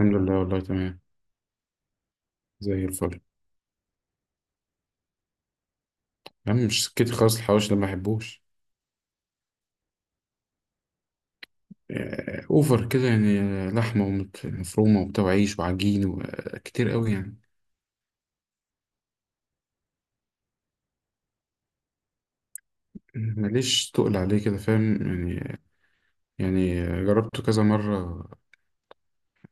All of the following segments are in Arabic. الحمد لله والله تمام. زي الفل. يا عم مش سكتي خالص، الحواوشي ده ما بحبوش. اوفر كده يعني، لحمه مفرومه وبتاع وعيش وعجين وكتير قوي يعني. ماليش تقل عليه كده، فاهم؟ يعني يعني جربته كذا مره.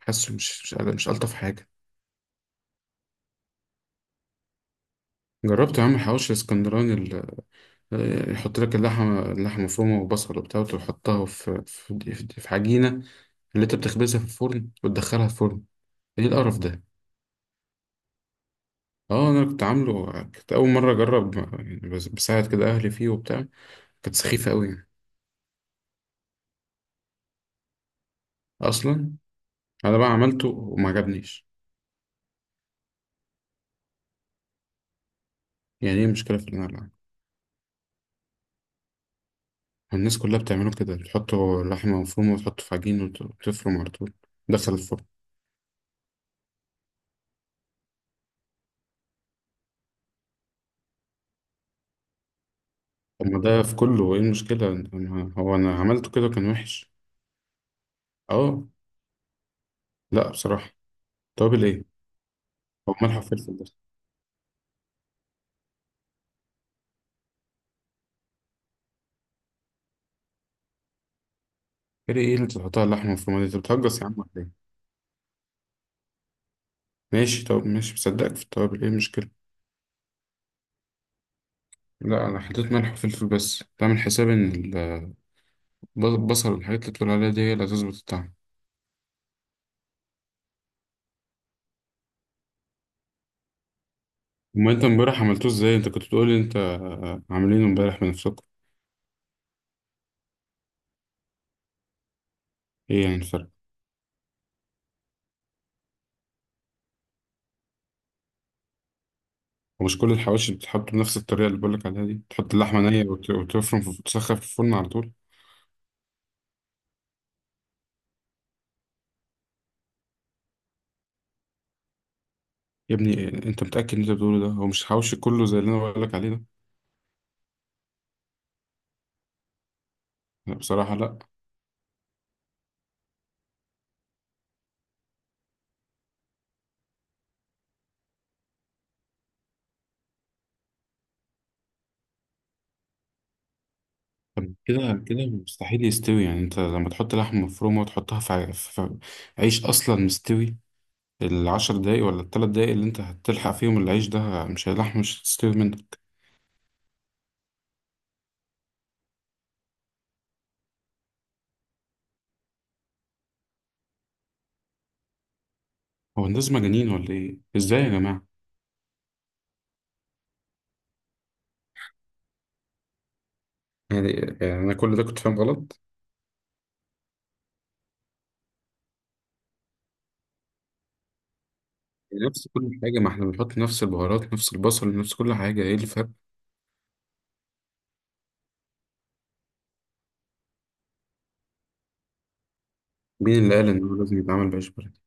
حاسه مش الطف حاجه. جربت يا عم الحواوشي الاسكندراني، يحط لك اللحمه مفرومه وبصل وبتاع وتحطها في عجينه، اللي انت بتخبزها في الفرن وتدخلها الفرن. ايه القرف ده؟ اه، انا كنت عامله، كنت اول مره اجرب يعني، بساعد كده اهلي فيه وبتاع. كانت سخيفه قوي يعني. اصلا انا بقى عملته وما عجبنيش. يعني ايه المشكله في اللي انا بعمله؟ الناس كلها بتعمله كده، بتحطه لحمه مفرومه وتحطه في عجين وتفرم على طول، دخل الفرن. طب ما ده في كله، ايه المشكله؟ هو انا عملته كده كان وحش. اه. لا بصراحه. طب ايه؟ هو ملح وفلفل بس. ايه اللي بتحطها على اللحمه المفرومه دي؟ انت بتهجص يا عم ولا ايه؟ ماشي، طب ماشي، بصدقك في التوابل، ايه المشكله؟ لا انا حطيت ملح وفلفل بس، بعمل حساب ان البصل والحاجات اللي بتقول عليها دي هي اللي هتظبط الطعم. امال انت امبارح عملتوه ازاي؟ انت كنت بتقول لي انت عاملينه امبارح بنفسكم. ايه يعني الفرق؟ ومش كل الحواشي بتتحط بنفس الطريقه اللي بقولك عليها دي، تحط اللحمه نيه وتفرم في تسخن في الفرن على طول؟ يا ابني انت متاكد ان انت بتقوله ده هو مش حواشي كله زي اللي انا بقولك عليه ده؟ لا بصراحه، لا. طب كده كده مستحيل يستوي. يعني انت لما تحط لحمه مفرومه وتحطها في عيش اصلا مستوي، العشر دقايق ولا التلات دقايق اللي انت هتلحق فيهم العيش ده، مش هيلحق، مش هتستوي منك. هو الناس مجانين ولا ايه؟ ازاي يا جماعة؟ يعني يعني انا كل ده كنت فاهم غلط؟ نفس كل حاجة، ما احنا بنحط نفس البهارات، نفس البصل، نفس كل حاجة، ايه الفرق؟ مين اللي قال ان هو لازم يتعمل بعيش بلدي؟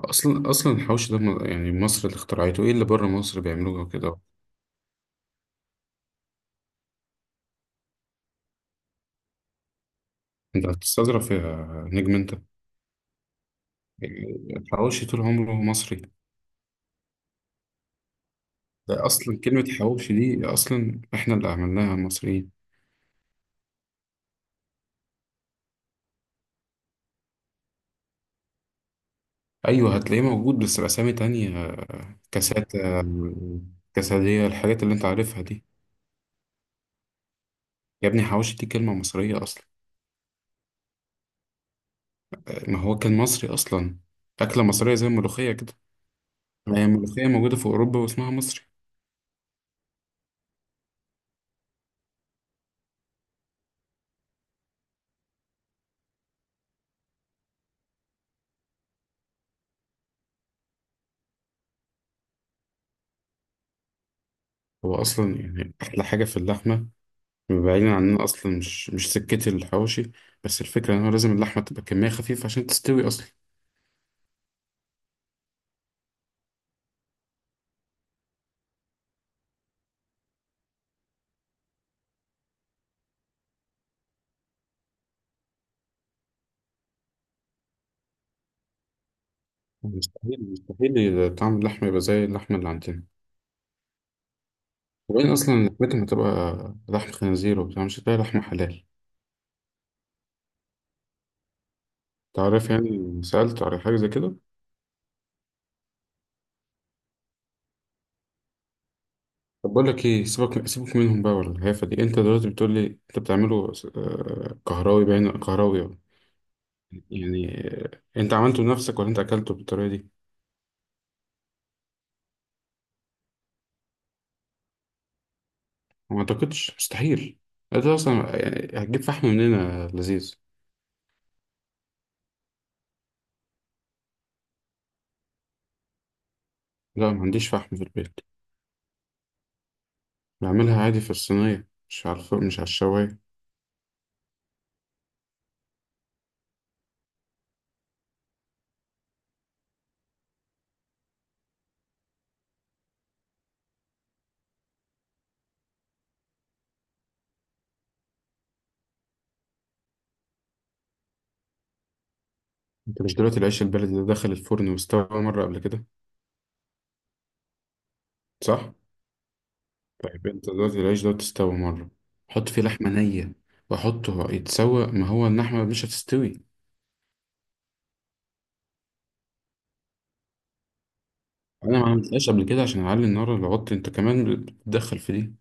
اصلا، اصلا الحوش ده يعني مصر اللي اخترعته، ايه اللي بره مصر بيعملوه كده؟ انت هتستظرف يا نجم انت؟ الحواوشي طول عمره مصري. ده اصلا كلمة حواوشي دي اصلا احنا اللي عملناها مصريين. ايوه، هتلاقيه موجود بس باسامي تانية. كاسات، كاسادية، الحاجات اللي انت عارفها دي. يا ابني حواوشي دي كلمة مصرية اصلا. ما هو كان مصري اصلا، اكلة مصرية زي الملوخية كده. ما هي الملوخية موجودة في اوروبا واسمها مصري. هو اصلا يعني احلى حاجة في اللحمة، بعيدا عننا اصلا، مش سكتي الحواوشي، بس الفكرة ان هو لازم اللحمة تبقى كمية خفيفة عشان تستوي اصلا. مستحيل، مستحيل طعم اللحمة يبقى زي اللحمة اللي عندنا. وبعدين اصلا لحمتهم هتبقى لحم خنزير وبتاع، مش هتلاقي لحمة حلال. تعرف، يعني سألت على حاجة زي كده؟ طب بقول لك ايه، سيبك سيبك منهم بقى ولا الهيافة دي. انت دلوقتي بتقول لي انت بتعمله كهراوي، باين كهراوي أهو. يعني انت عملته لنفسك ولا انت اكلته بالطريقة دي؟ ما اعتقدش، مستحيل. انت اصلا يعني هتجيب فحم منين يا لذيذ؟ لا، ما عنديش فحم في البيت. بعملها عادي في الصينية، مش على الفرن، مش على الشواية. انت مش دلوقتي العيش البلدي ده دخل الفرن واستوى مرة قبل كده؟ صح. طيب انت دلوقتي العيش ده تستوي مرة، حط فيه لحمة نية، واحطه يتسوى، ما هو اللحمة مش هتستوي. انا ما عملتهاش قبل كده عشان اعلي النار اللي انت كمان بتدخل في دي.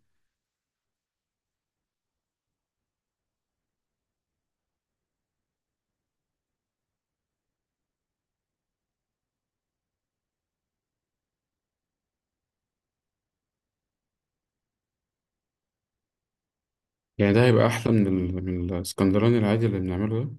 يعني ده هيبقى احلى من الاسكندراني العادي اللي بنعمله ده؟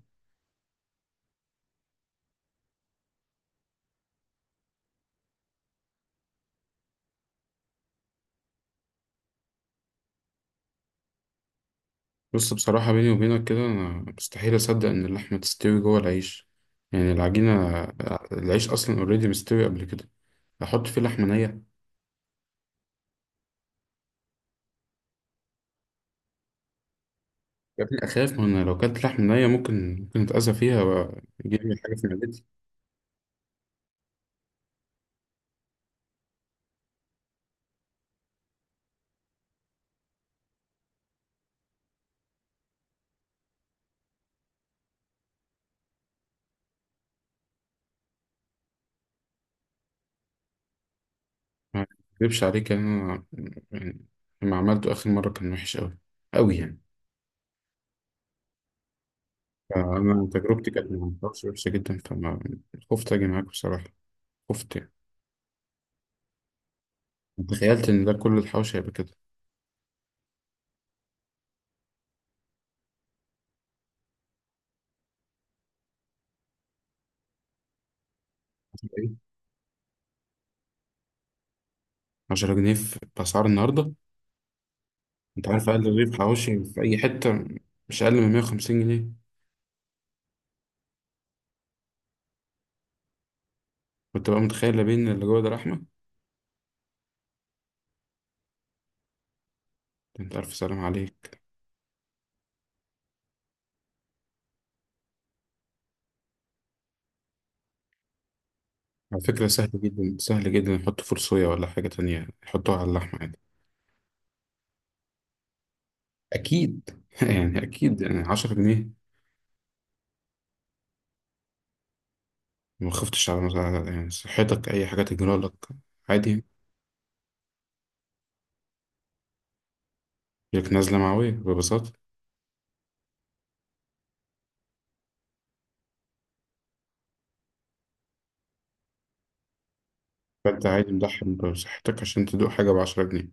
بص بصراحة بيني وبينك كده، انا مستحيل اصدق ان اللحمة تستوي جوه العيش، يعني العجينة. العيش اصلا اوريدي مستوي قبل كده، احط فيه لحمة نية. يا ابني اخاف، ما انا لو كلت لحمة نية ممكن اتأذى فيها ويجيلي حاجة في معدتي. ما اكذبش عليك انا، يعني لما عملته اخر مره كان وحش قوي، قوي يعني. فانا تجربتي كانت مع الحوش وحشه جدا، فما خفت اجي معاك بصراحه، خفت يعني. تخيلت ان ده كل الحوش هيبقى كده. ايه، 10 جنيه في باسعار النهارده؟ انت عارف اقل رغيف حواشي في اي حته؟ مش اقل من 150 جنيه. كنت بقى متخيل لا بين اللي جوه ده رحمه. انت عارف، سلام عليك. على فكره، سهل جدا سهل جدا يحطوا فول صويا ولا حاجه تانية يحطوها على اللحمه عادي. اكيد يعني اكيد، يعني 10 جنيه. ما خفتش على مز- يعني صحتك، أي حاجة تجرى لك. عادي. لك نزلة معوية ببساطة. فأنت عادي مضحي بصحتك عشان تدوق حاجة بعشرة جنيه؟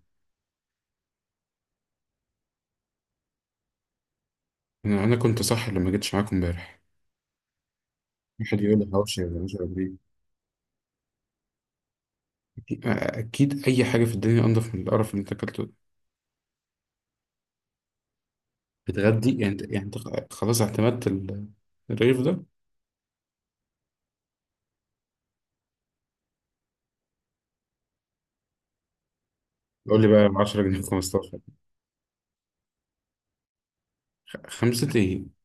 أنا كنت صح لما جيتش معاكم امبارح. واحد يقول لي حواوشي ولا عشرة جنيه؟ أكيد، أكيد أي حاجة في الدنيا أنضف من القرف اللي أنت أكلته ده. بتغدي يعني أنت، يعني أنت خلاص اعتمدت الرغيف ده؟ يقول لي بقى 10 جنيه، 15؟ خمسة إيه؟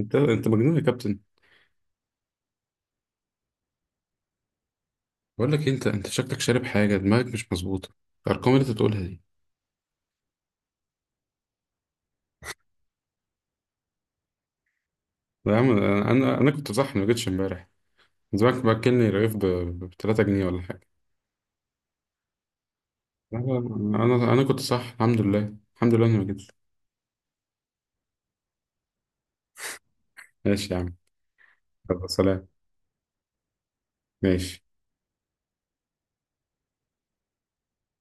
أنت مجنون يا كابتن. بقول لك إيه، أنت شكلك شارب حاجة دماغك مش مظبوطة، الأرقام اللي أنت بتقولها دي. يا عم انا كنت صح ما جيتش امبارح. زمانك باكلني رغيف ب 3 جنيه ولا حاجه. لا، لا، انا كنت صح. الحمد لله، الحمد لله اني ما جيتش. ماشي يا عم. يلا، سلام. ماشي.